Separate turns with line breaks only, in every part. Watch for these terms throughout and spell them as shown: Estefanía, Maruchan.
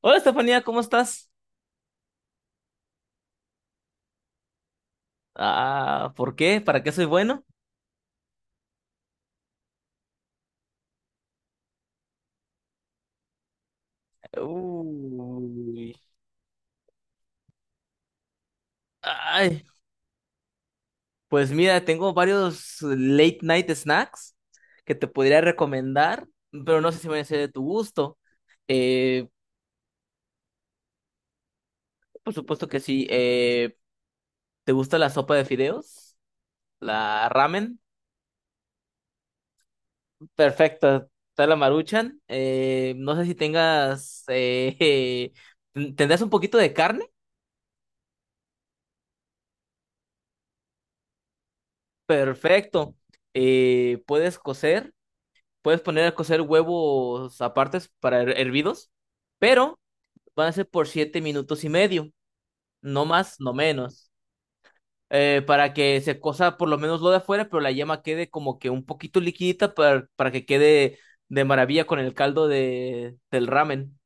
Hola Estefanía, ¿cómo estás? Ah, ¿por qué? ¿Para qué soy bueno? Uy. Ay, pues mira, tengo varios late night snacks que te podría recomendar, pero no sé si van a ser de tu gusto. Eh, por supuesto que sí. ¿Te gusta la sopa de fideos? ¿La ramen? Perfecto, está la Maruchan. No sé si tengas. ¿Tendrás un poquito de carne? Perfecto. ¿Puedes cocer? Puedes poner a cocer huevos apartes para hervidos, pero van a ser por 7 minutos y medio, no más, no menos, para que se cosa por lo menos lo de afuera, pero la yema quede como que un poquito liquidita para que quede de maravilla con el caldo del ramen.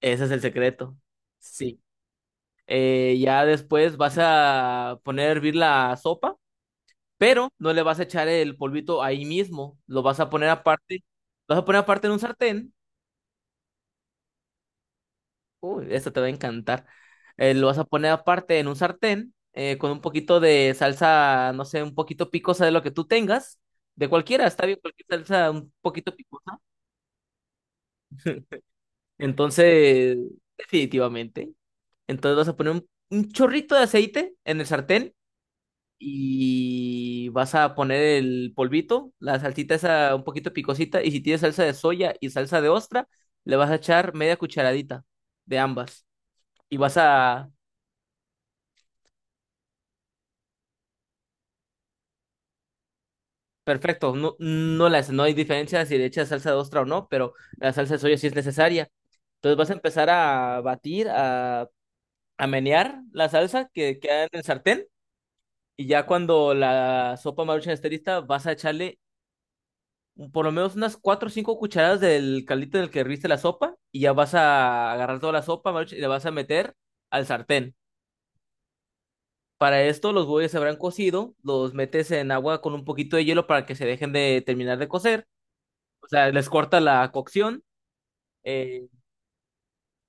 Ese es el secreto. Sí. Ya después vas a poner a hervir la sopa, pero no le vas a echar el polvito ahí mismo, lo vas a poner aparte en un sartén. Uy, esto te va a encantar. Lo vas a poner aparte en un sartén, con un poquito de salsa, no sé, un poquito picosa de lo que tú tengas, de cualquiera, está bien, cualquier salsa un poquito picosa. Entonces, definitivamente. Entonces vas a poner un chorrito de aceite en el sartén y vas a poner el polvito, la salsita esa un poquito picosita y si tienes salsa de soya y salsa de ostra, le vas a echar media cucharadita de ambas y vas a Perfecto, no, no, las, no hay diferencia si le echas salsa de ostra o no, pero la salsa de soya sí es necesaria. Entonces vas a empezar a batir, a menear la salsa que queda en el sartén y ya cuando la sopa Maruchan esté lista vas a echarle por lo menos unas 4 o 5 cucharadas del caldito en el que herviste la sopa y ya vas a agarrar toda la sopa Maruchan y la vas a meter al sartén. Para esto los huevos se habrán cocido, los metes en agua con un poquito de hielo para que se dejen de terminar de cocer, o sea, les corta la cocción, eh,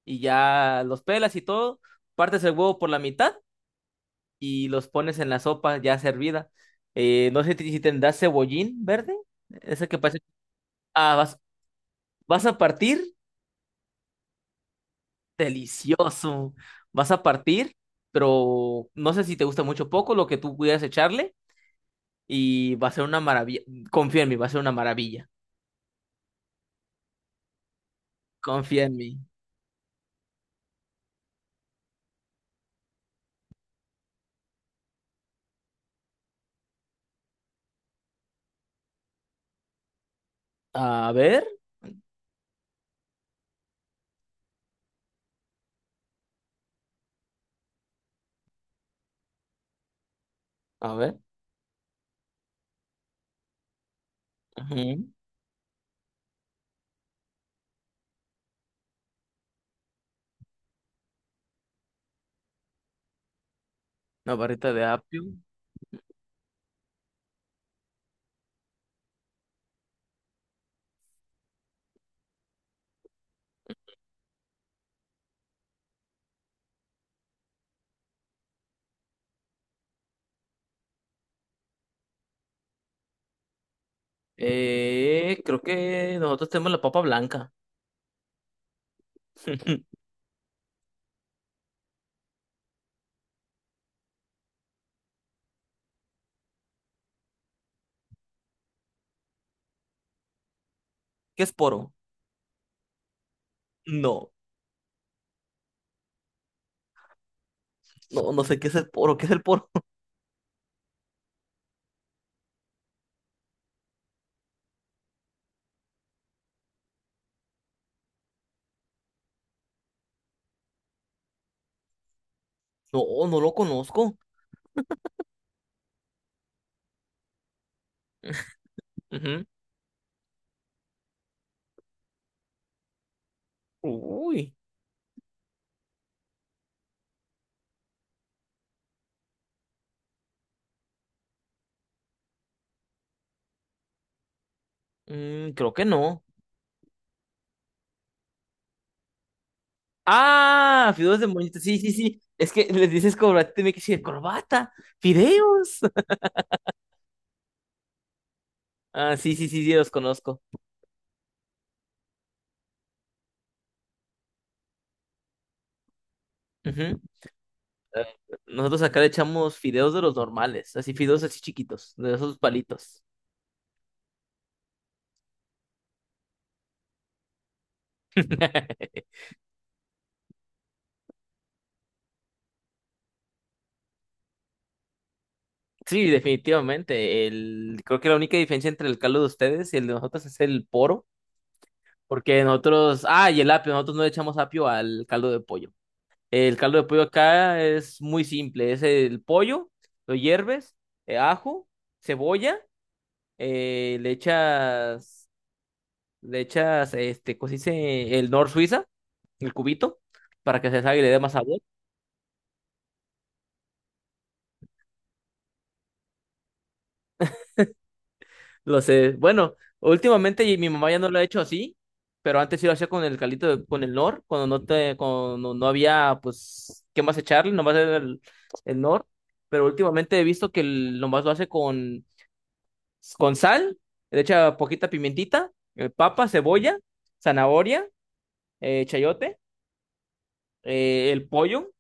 y ya los pelas y todo, partes el huevo por la mitad y los pones en la sopa ya servida. No sé si tendrás cebollín verde, ese que parece. Ah, vas a partir, delicioso. Vas a partir, pero no sé si te gusta mucho o poco lo que tú pudieras echarle y va a ser una maravilla. Confía en mí, va a ser una maravilla. Confía en mí. A ver, a ver. Ujú. Una barrita de apio. Creo que nosotros tenemos la papa blanca. ¿Qué es poro? No, no, no sé qué es el poro. ¿Qué es el poro? No, no lo conozco. Ujú. Uy, creo que no. Ah, fideos de moñito. Sí, sí, sí. Es que les dices corbata y tiene que decir corbata, fideos. Ah, sí, sí, sí, sí, los conozco. Ujú. Nosotros acá le echamos fideos de los normales, así fideos así chiquitos, de esos palitos. Sí, definitivamente. Creo que la única diferencia entre el caldo de ustedes y el de nosotros es el poro. Porque nosotros, y el apio, nosotros no le echamos apio al caldo de pollo. El caldo de pollo acá es muy simple, es el pollo, lo hierves, ajo, cebolla, le echas, este, ¿cómo se dice? El nor Suiza, el cubito, para que se salga y le dé más sabor. Lo sé. Bueno, últimamente y mi mamá ya no lo ha hecho así, pero antes sí lo hacía con el caldito, con el nor, cuando no había, pues, ¿qué más echarle? Nomás era el nor. Pero últimamente he visto que nomás lo hace con sal, le echa poquita pimentita, papa, cebolla, zanahoria, chayote, el pollo.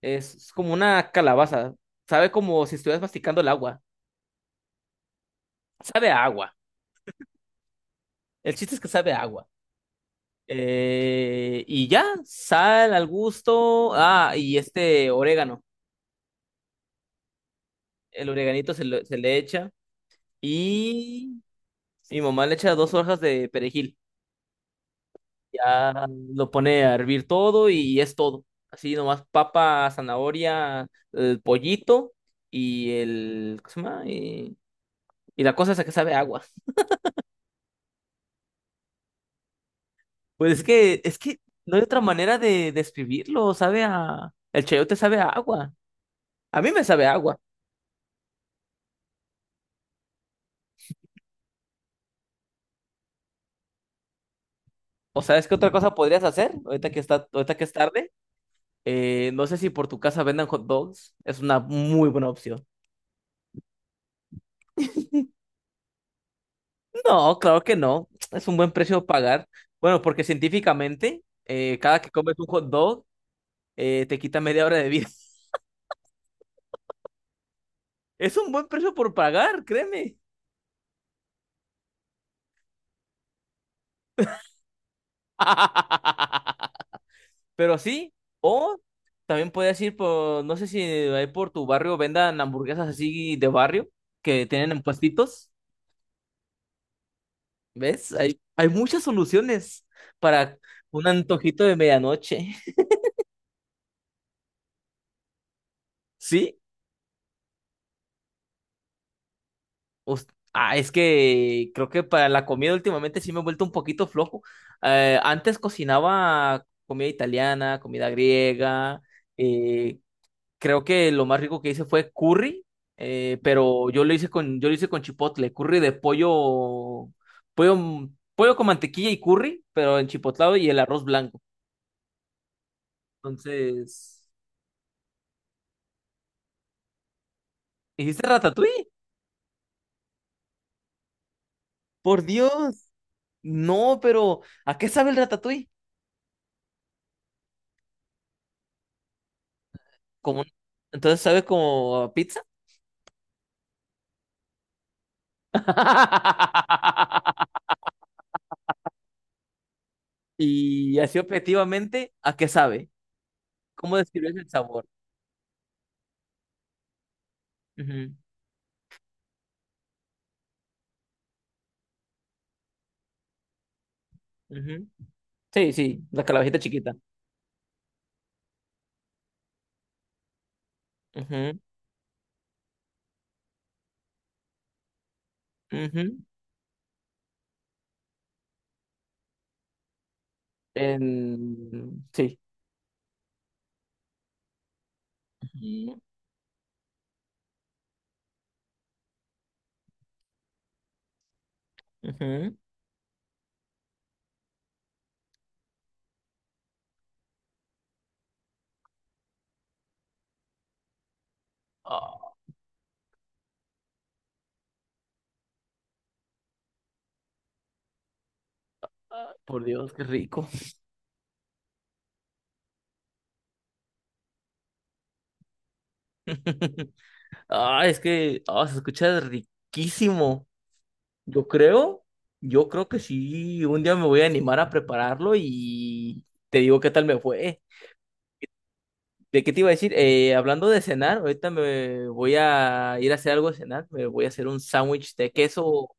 Es como una calabaza. Sabe como si estuvieras masticando el agua. Sabe a agua. El chiste es que sabe a agua. Y ya, sal al gusto. Ah, y este orégano. El oreganito se le echa. Y mi mamá le echa dos hojas de perejil. Ya lo pone a hervir todo y es todo. Así nomás papa, zanahoria, el pollito y el. ¿Cómo se llama? Y la cosa esa que sabe a agua. Pues es que no hay otra manera de describirlo. Sabe a. El chayote sabe a agua. A mí me sabe a agua. O sabes qué otra cosa podrías hacer ahorita que es tarde. No sé si por tu casa vendan hot dogs. Es una muy buena opción. No, claro que no. Es un buen precio a pagar. Bueno, porque científicamente, cada que comes un hot dog, te quita media hora de vida. Es un buen precio por pagar, créeme. Pero sí, o también puedes ir por, no sé si ahí por tu barrio vendan hamburguesas así de barrio que tienen en puestitos. ¿Ves? Hay muchas soluciones para un antojito de medianoche. ¿Sí? us- es que creo que para la comida últimamente sí me he vuelto un poquito flojo. Antes cocinaba comida italiana, comida griega. eh, Creo que lo más rico que hice fue curry, pero yo lo hice con chipotle, curry de pollo, pollo con mantequilla y curry, pero en chipotlado y el arroz blanco. Entonces, ¿hiciste ratatouille? Por Dios, no, pero ¿a qué sabe el ratatouille? Como, entonces sabe como a pizza. Y así objetivamente, ¿a qué sabe? ¿Cómo describes el sabor? Ujú, ujú. Sí, sí, la calabacita chiquita. Ujú, ujú. Sí. Ujú, ujú. Ah, ah, por Dios, qué rico. Ah, es que, se escucha riquísimo. Yo creo, yo creo que sí, un día me voy a animar a prepararlo y te digo qué tal me fue. ¿De qué te iba a decir? Hablando de cenar, ahorita me voy a ir a hacer algo de cenar. Me voy a hacer un sándwich de queso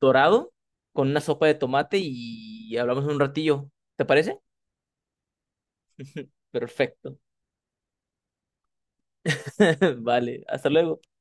dorado con una sopa de tomate y hablamos un ratillo. ¿Te parece? Perfecto. Vale, hasta luego.